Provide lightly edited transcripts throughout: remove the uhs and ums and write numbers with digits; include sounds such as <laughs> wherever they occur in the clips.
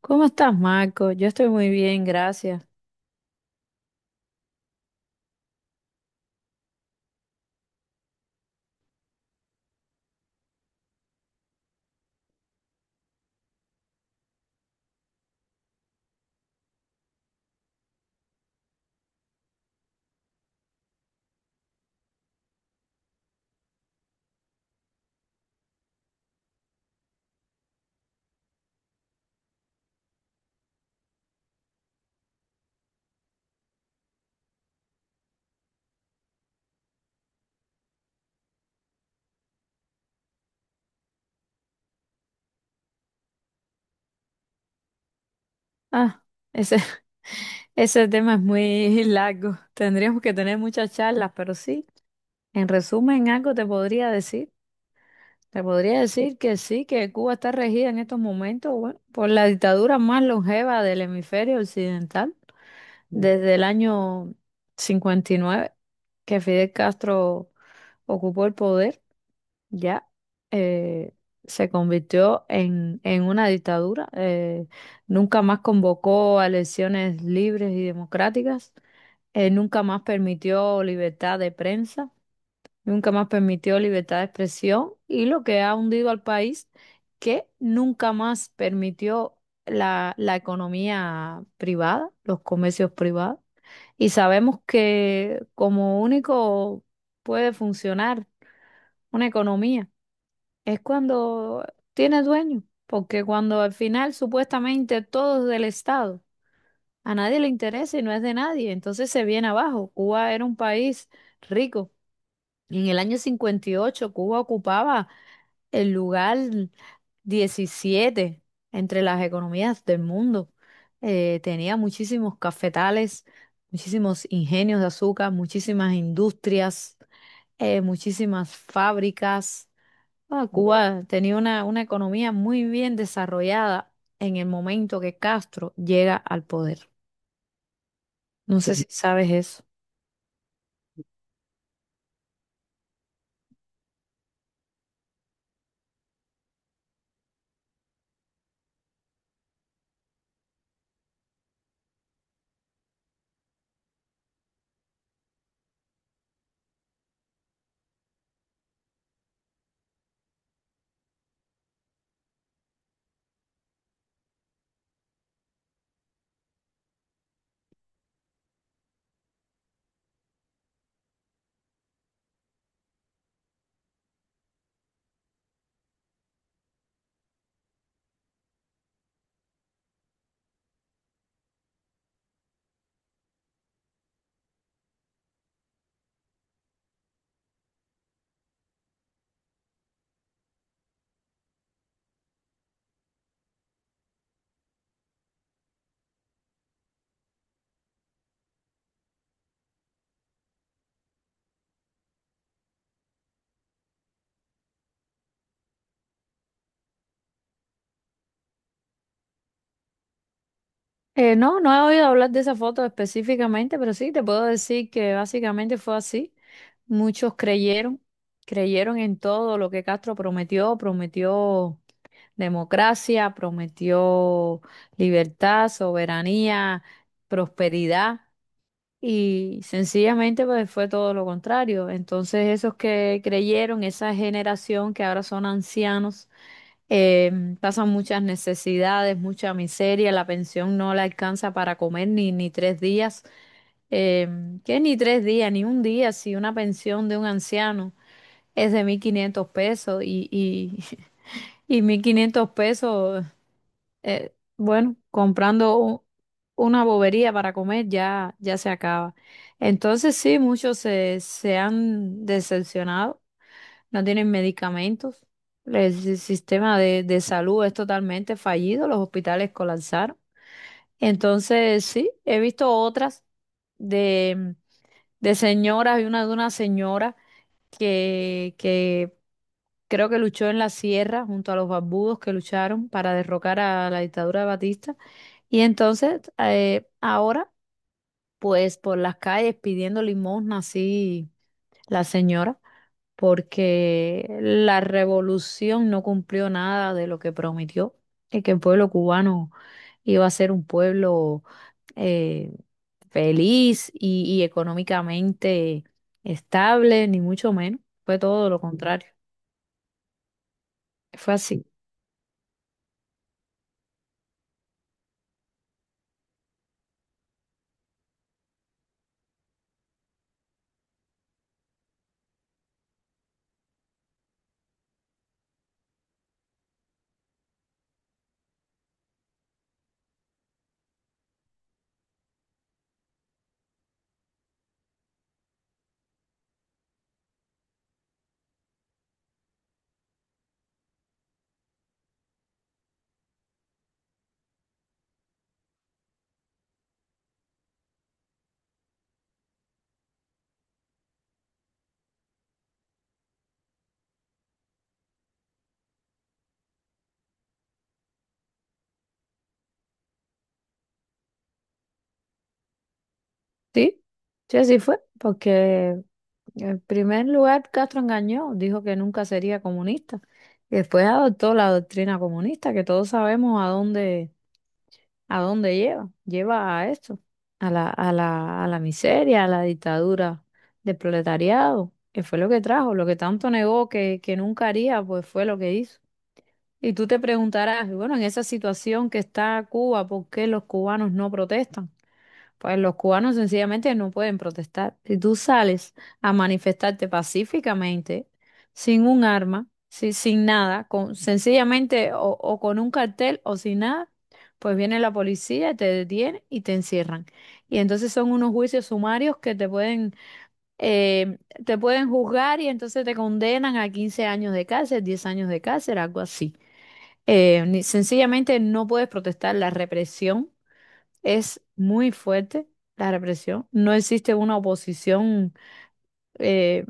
¿Cómo estás, Marco? Yo estoy muy bien, gracias. Ah, ese, <laughs> ese tema es muy <laughs> largo. Tendríamos que tener muchas charlas, pero sí, en resumen, algo te podría decir. Te podría decir que sí, que Cuba está regida en estos momentos, bueno, por la dictadura más longeva del hemisferio occidental, desde el año 59, que Fidel Castro ocupó el poder. ya eh, Se convirtió en una dictadura. Nunca más convocó a elecciones libres y democráticas. Nunca más permitió libertad de prensa. Nunca más permitió libertad de expresión. Y lo que ha hundido al país, que nunca más permitió la economía privada, los comercios privados. Y sabemos que como único puede funcionar una economía es cuando tiene dueño, porque cuando al final supuestamente todo es del Estado, a nadie le interesa y no es de nadie, entonces se viene abajo. Cuba era un país rico. En el año 58 Cuba ocupaba el lugar 17 entre las economías del mundo. Tenía muchísimos cafetales, muchísimos ingenios de azúcar, muchísimas industrias, muchísimas fábricas. Cuba tenía una economía muy bien desarrollada en el momento que Castro llega al poder. No sé si sabes eso. No, no he oído hablar de esa foto específicamente, pero sí te puedo decir que básicamente fue así. Muchos creyeron, creyeron en todo lo que Castro prometió, prometió democracia, prometió libertad, soberanía, prosperidad. Y sencillamente pues fue todo lo contrario. Entonces esos que creyeron, esa generación que ahora son ancianos, pasan muchas necesidades, mucha miseria, la pensión no la alcanza para comer ni tres días, eh, que ni tres días, ni un día, si una pensión de un anciano es de 1500 pesos y <laughs> y 1500 pesos bueno, comprando una bobería para comer ya, ya se acaba. Entonces sí, muchos se han decepcionado, no tienen medicamentos, el sistema de salud es totalmente fallido, los hospitales colapsaron. Entonces sí, he visto otras de, de señoras, y una de una señora que creo que luchó en la sierra junto a los barbudos que lucharon para derrocar a la dictadura de Batista. Y entonces, ahora, pues por las calles pidiendo limosna, así la señora, porque la revolución no cumplió nada de lo que prometió, y que el pueblo cubano iba a ser un pueblo eh, feliz y económicamente estable, ni mucho menos. Fue todo lo contrario. Fue así. Sí, sí, así fue, porque en primer lugar Castro engañó, dijo que nunca sería comunista, y después adoptó la doctrina comunista, que todos sabemos a dónde lleva, lleva a esto, a la miseria, a la dictadura del proletariado, que fue lo que trajo, lo que tanto negó que nunca haría, pues fue lo que hizo. Y tú te preguntarás, bueno, en esa situación que está Cuba, ¿por qué los cubanos no protestan? Pues los cubanos sencillamente no pueden protestar. Si tú sales a manifestarte pacíficamente, sin un arma, sin nada, con, sencillamente o con un cartel o sin nada, pues viene la policía, te detiene y te encierran. Y entonces son unos juicios sumarios que eh, te pueden juzgar y entonces te condenan a 15 años de cárcel, 10 años de cárcel, algo así. Sencillamente no puedes protestar, la represión es muy fuerte, la represión. No existe una oposición eh,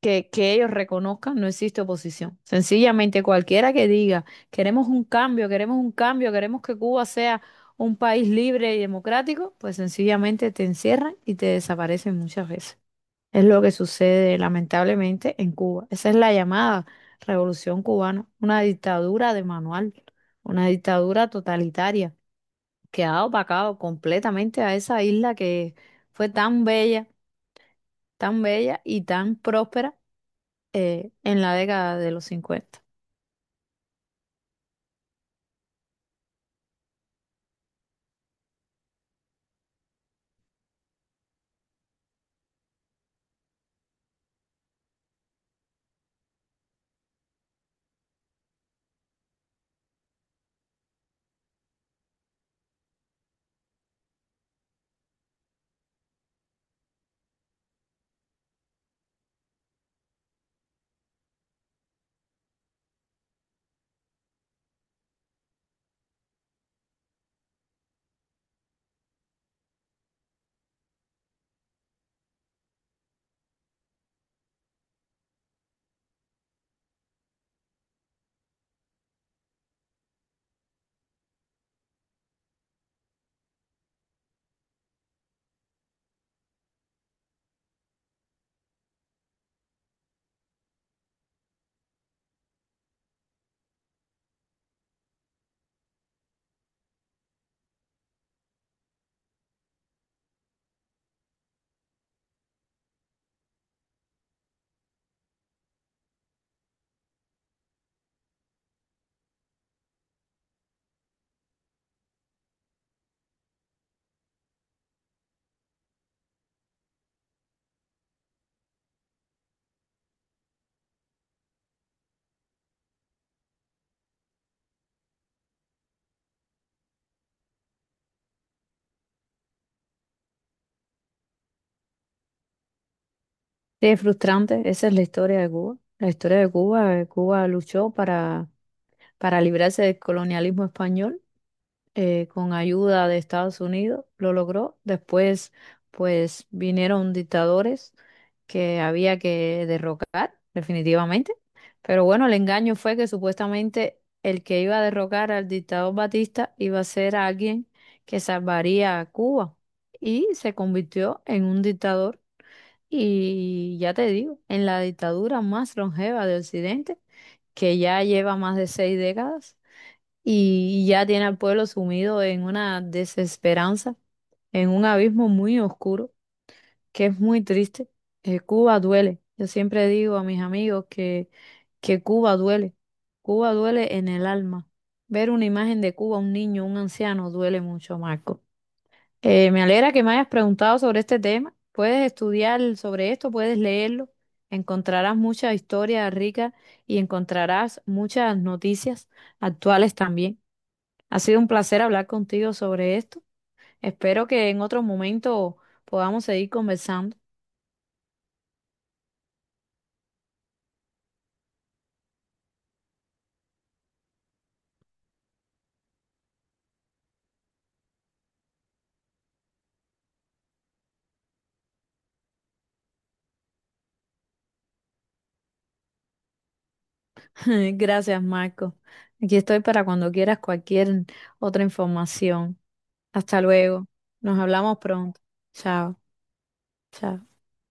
que ellos reconozcan, no existe oposición. Sencillamente cualquiera que diga, queremos un cambio, queremos un cambio, queremos que Cuba sea un país libre y democrático, pues sencillamente te encierran y te desaparecen muchas veces. Es lo que sucede lamentablemente en Cuba. Esa es la llamada revolución cubana, una dictadura de manual, una dictadura totalitaria quedado opacado completamente a esa isla que fue tan bella y tan próspera en la década de los 50. Sí, es frustrante, esa es la historia de Cuba. La historia de Cuba, Cuba luchó para librarse del colonialismo español con ayuda de Estados Unidos, lo logró. Después, pues vinieron dictadores que había que derrocar, definitivamente. Pero bueno, el engaño fue que supuestamente el que iba a derrocar al dictador Batista iba a ser alguien que salvaría a Cuba. Y se convirtió en un dictador y ya te digo, en la dictadura más longeva de Occidente, que ya lleva más de 6 décadas y ya tiene al pueblo sumido en una desesperanza, en un abismo muy oscuro, que es muy triste. Cuba duele. Yo siempre digo a mis amigos que Cuba duele. Cuba duele en el alma. Ver una imagen de Cuba, un niño, un anciano, duele mucho, Marco. Me alegra que me hayas preguntado sobre este tema. Puedes estudiar sobre esto, puedes leerlo. Encontrarás mucha historia rica y encontrarás muchas noticias actuales también. Ha sido un placer hablar contigo sobre esto. Espero que en otro momento podamos seguir conversando. <laughs> Gracias, Marco. Aquí estoy para cuando quieras cualquier otra información. Hasta luego. Nos hablamos pronto. Chao, chao.